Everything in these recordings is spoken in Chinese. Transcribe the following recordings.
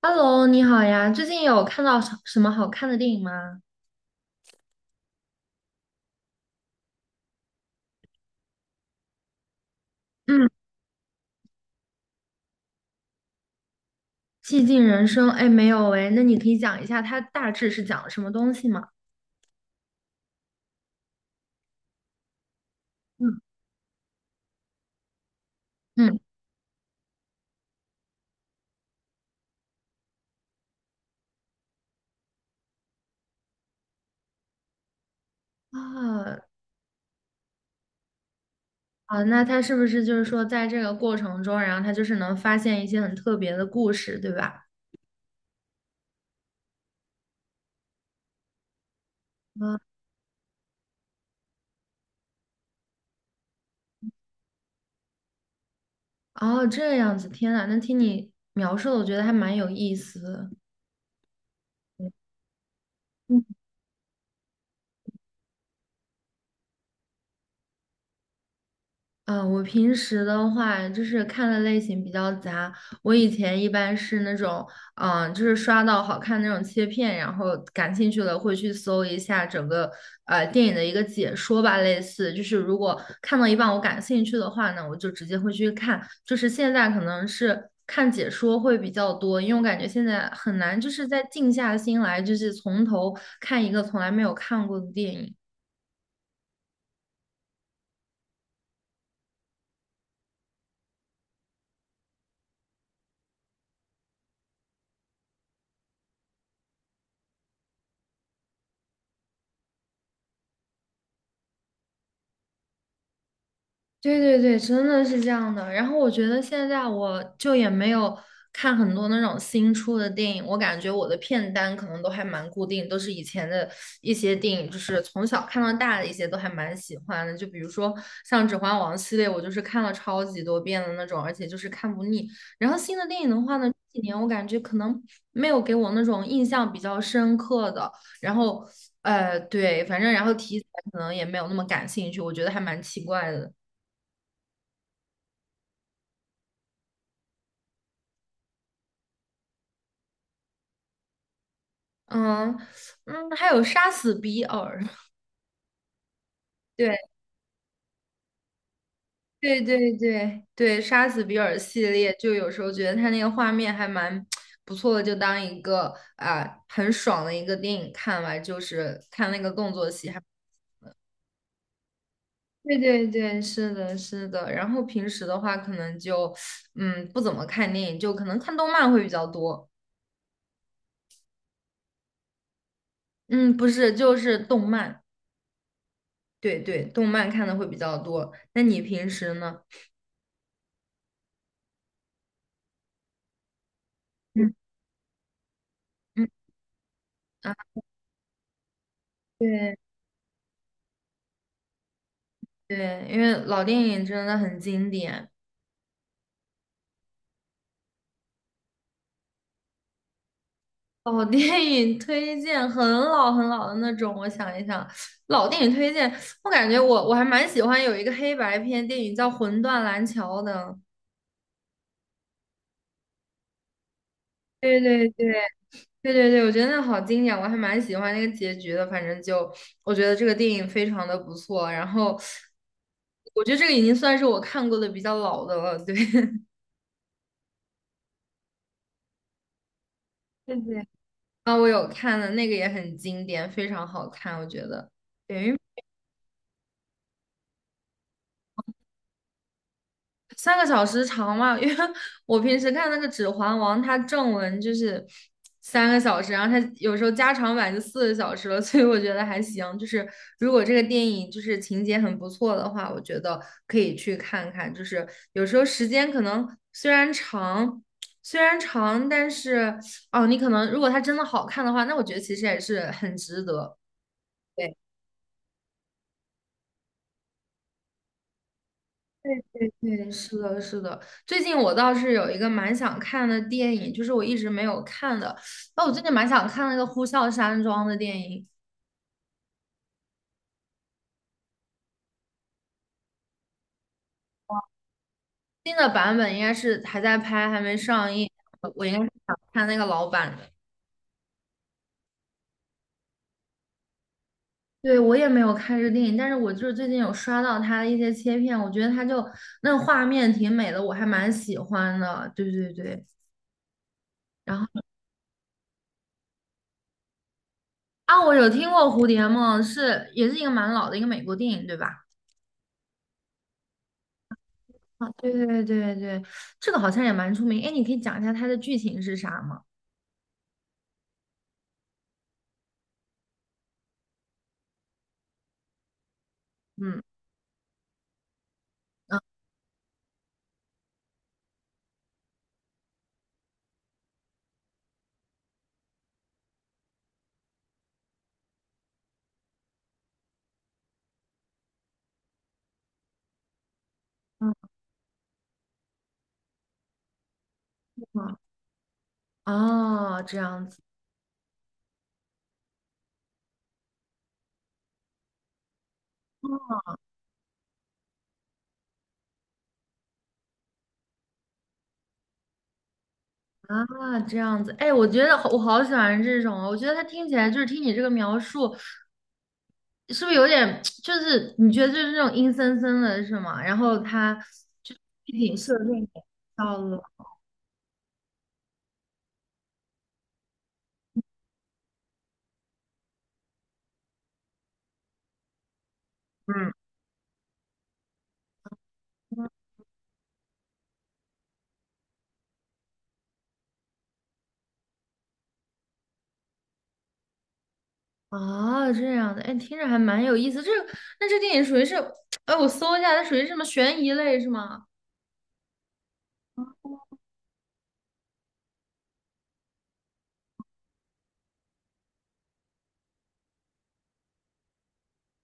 Hello，你好呀，最近有看到什么好看的电影吗？嗯。《寂静人生》哎，没有哎，那你可以讲一下它大致是讲了什么东西吗？嗯嗯。啊啊，那它是不是就是说在这个过程中，然后它就是能发现一些很特别的故事，对吧？啊，哦，这样子，天呐，那听你描述的，我觉得还蛮有意思的。嗯，我平时的话就是看的类型比较杂。我以前一般是那种，就是刷到好看那种切片，然后感兴趣了会去搜一下整个电影的一个解说吧，类似就是如果看到一半我感兴趣的话呢，我就直接会去看。就是现在可能是看解说会比较多，因为我感觉现在很难就是再静下心来，就是从头看一个从来没有看过的电影。对对对，真的是这样的。然后我觉得现在我就也没有看很多那种新出的电影，我感觉我的片单可能都还蛮固定，都是以前的一些电影，就是从小看到大的一些都还蛮喜欢的。就比如说像《指环王》系列，我就是看了超级多遍的那种，而且就是看不腻。然后新的电影的话呢，这几年我感觉可能没有给我那种印象比较深刻的，然后对，反正然后题材可能也没有那么感兴趣，我觉得还蛮奇怪的。嗯嗯，还有杀死比尔，对对对对对，杀死比尔系列，就有时候觉得他那个画面还蛮不错的，就当一个啊、很爽的一个电影看完，就是看那个动作戏还。对对对，是的，是的。然后平时的话，可能就不怎么看电影，就可能看动漫会比较多。嗯，不是，就是动漫。对对，动漫看的会比较多。那你平时呢？嗯嗯，啊，对。对，因为老电影真的很经典，老电影推荐很老很老的那种。我想一想，老电影推荐，我感觉我还蛮喜欢有一个黑白片电影叫《魂断蓝桥》的。对对对对对对，我觉得那好经典，我还蛮喜欢那个结局的。反正就我觉得这个电影非常的不错，然后我觉得这个已经算是我看过的比较老的了。对，对，谢谢。啊，我有看的那个也很经典，非常好看，我觉得。对，因为三个小时长嘛，因为 我平时看那个《指环王》，它正文就是三个小时，然后它有时候加长版就四个小时了，所以我觉得还行。就是如果这个电影就是情节很不错的话，我觉得可以去看看。就是有时候时间可能虽然长，但是哦，你可能如果它真的好看的话，那我觉得其实也是很值得。对对对对，是的，是的。最近我倒是有一个蛮想看的电影，就是我一直没有看的。那我最近蛮想看那个《呼啸山庄》的电影，新的版本应该是还在拍，还没上映。我应该是想看那个老版的。对，我也没有看这个电影，但是我就是最近有刷到它的一些切片，我觉得它就那个画面挺美的，我还蛮喜欢的。对对对。然后啊，我有听过《蝴蝶梦》，是也是一个蛮老的一个美国电影，对吧？啊，对对对对，这个好像也蛮出名。哎，你可以讲一下它的剧情是啥吗？嗯，啊啊！哦，这样子啊，这样子。哎，我觉得好我好喜欢这种哦我觉得它听起来就是听你这个描述，是不是有点 就是你觉得就是那种阴森森的是吗？然后它就是背景设定也到了，嗯。哦，这样的，哎，听着还蛮有意思。这个，那这电影属于是，哎，我搜一下，它属于什么悬疑类是吗？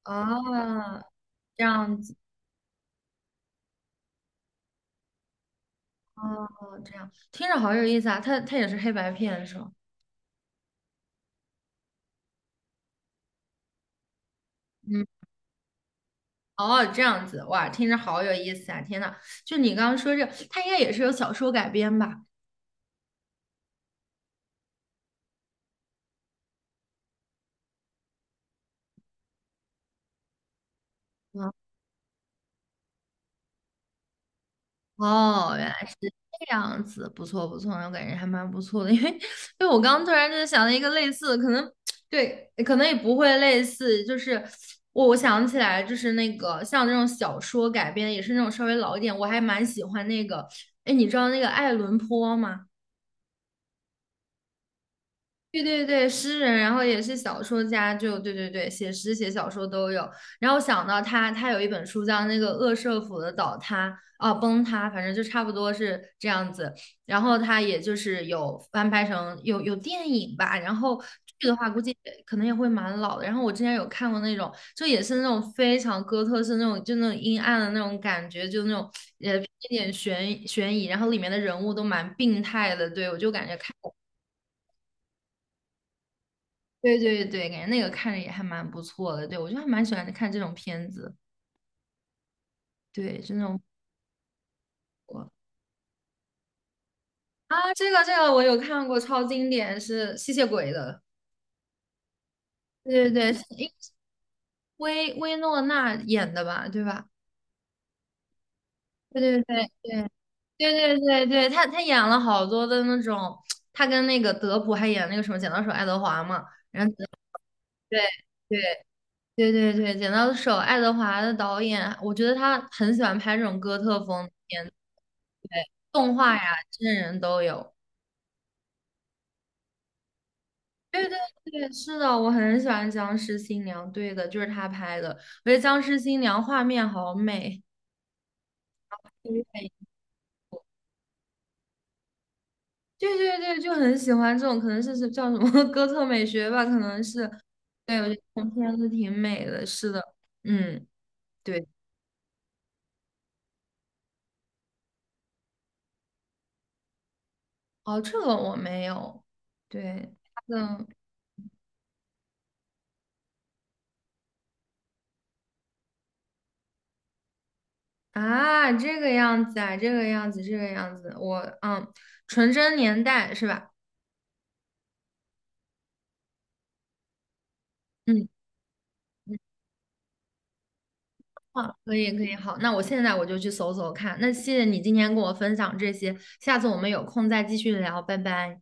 啊，这样子。哦，这样听着好有意思啊！它它也是黑白片是吗？嗯，哦，这样子哇，听着好有意思啊！天呐，就你刚刚说这个，它应该也是有小说改编吧？嗯，哦，原来是这样子，不错不错，我感觉还蛮不错的，因为我刚刚突然就是想了一个类似的，可能对，可能也不会类似，就是我想起来就是那个像这种小说改编，也是那种稍微老一点，我还蛮喜欢那个，哎，你知道那个爱伦坡吗？对对对，诗人，然后也是小说家，就对对对，写诗写小说都有。然后我想到他，他有一本书叫那个《恶舍府的倒塌》啊，崩塌，反正就差不多是这样子。然后他也就是有翻拍成有电影吧，然后剧的话估计也可能也会蛮老的。然后我之前有看过那种，就也是那种非常哥特式那种，就那种阴暗的那种感觉，就那种偏一点悬疑，然后里面的人物都蛮病态的，对我就感觉看。对对对，感觉那个看着也还蛮不错的。对，我就还蛮喜欢看这种片子。对，就那种我，啊，这个这个我有看过，超经典，是吸血鬼的。对对对，薇诺娜演的吧？对吧？对对对对对对对对，她演了好多的那种，她跟那个德普还演那个什么《剪刀手爱德华》嘛。然后对对对对对，剪刀手爱德华的导演，我觉得他很喜欢拍这种哥特风的片子，对，动画呀、真人都有。对对对，是的，我很喜欢《僵尸新娘》，对的，就是他拍的。我觉得《僵尸新娘》画面好美，对对对，对就很喜欢这种，可能是是叫什么 哥特美学吧，可能是。对，我觉得这种片子挺美的，是的，嗯，对，哦，这个我没有，对，他的。啊，这个样子啊，这个样子，这个样子，纯真年代是吧？嗯嗯，好，可以可以，好，那我现在我就去搜搜看。那谢谢你今天跟我分享这些，下次我们有空再继续聊，拜拜。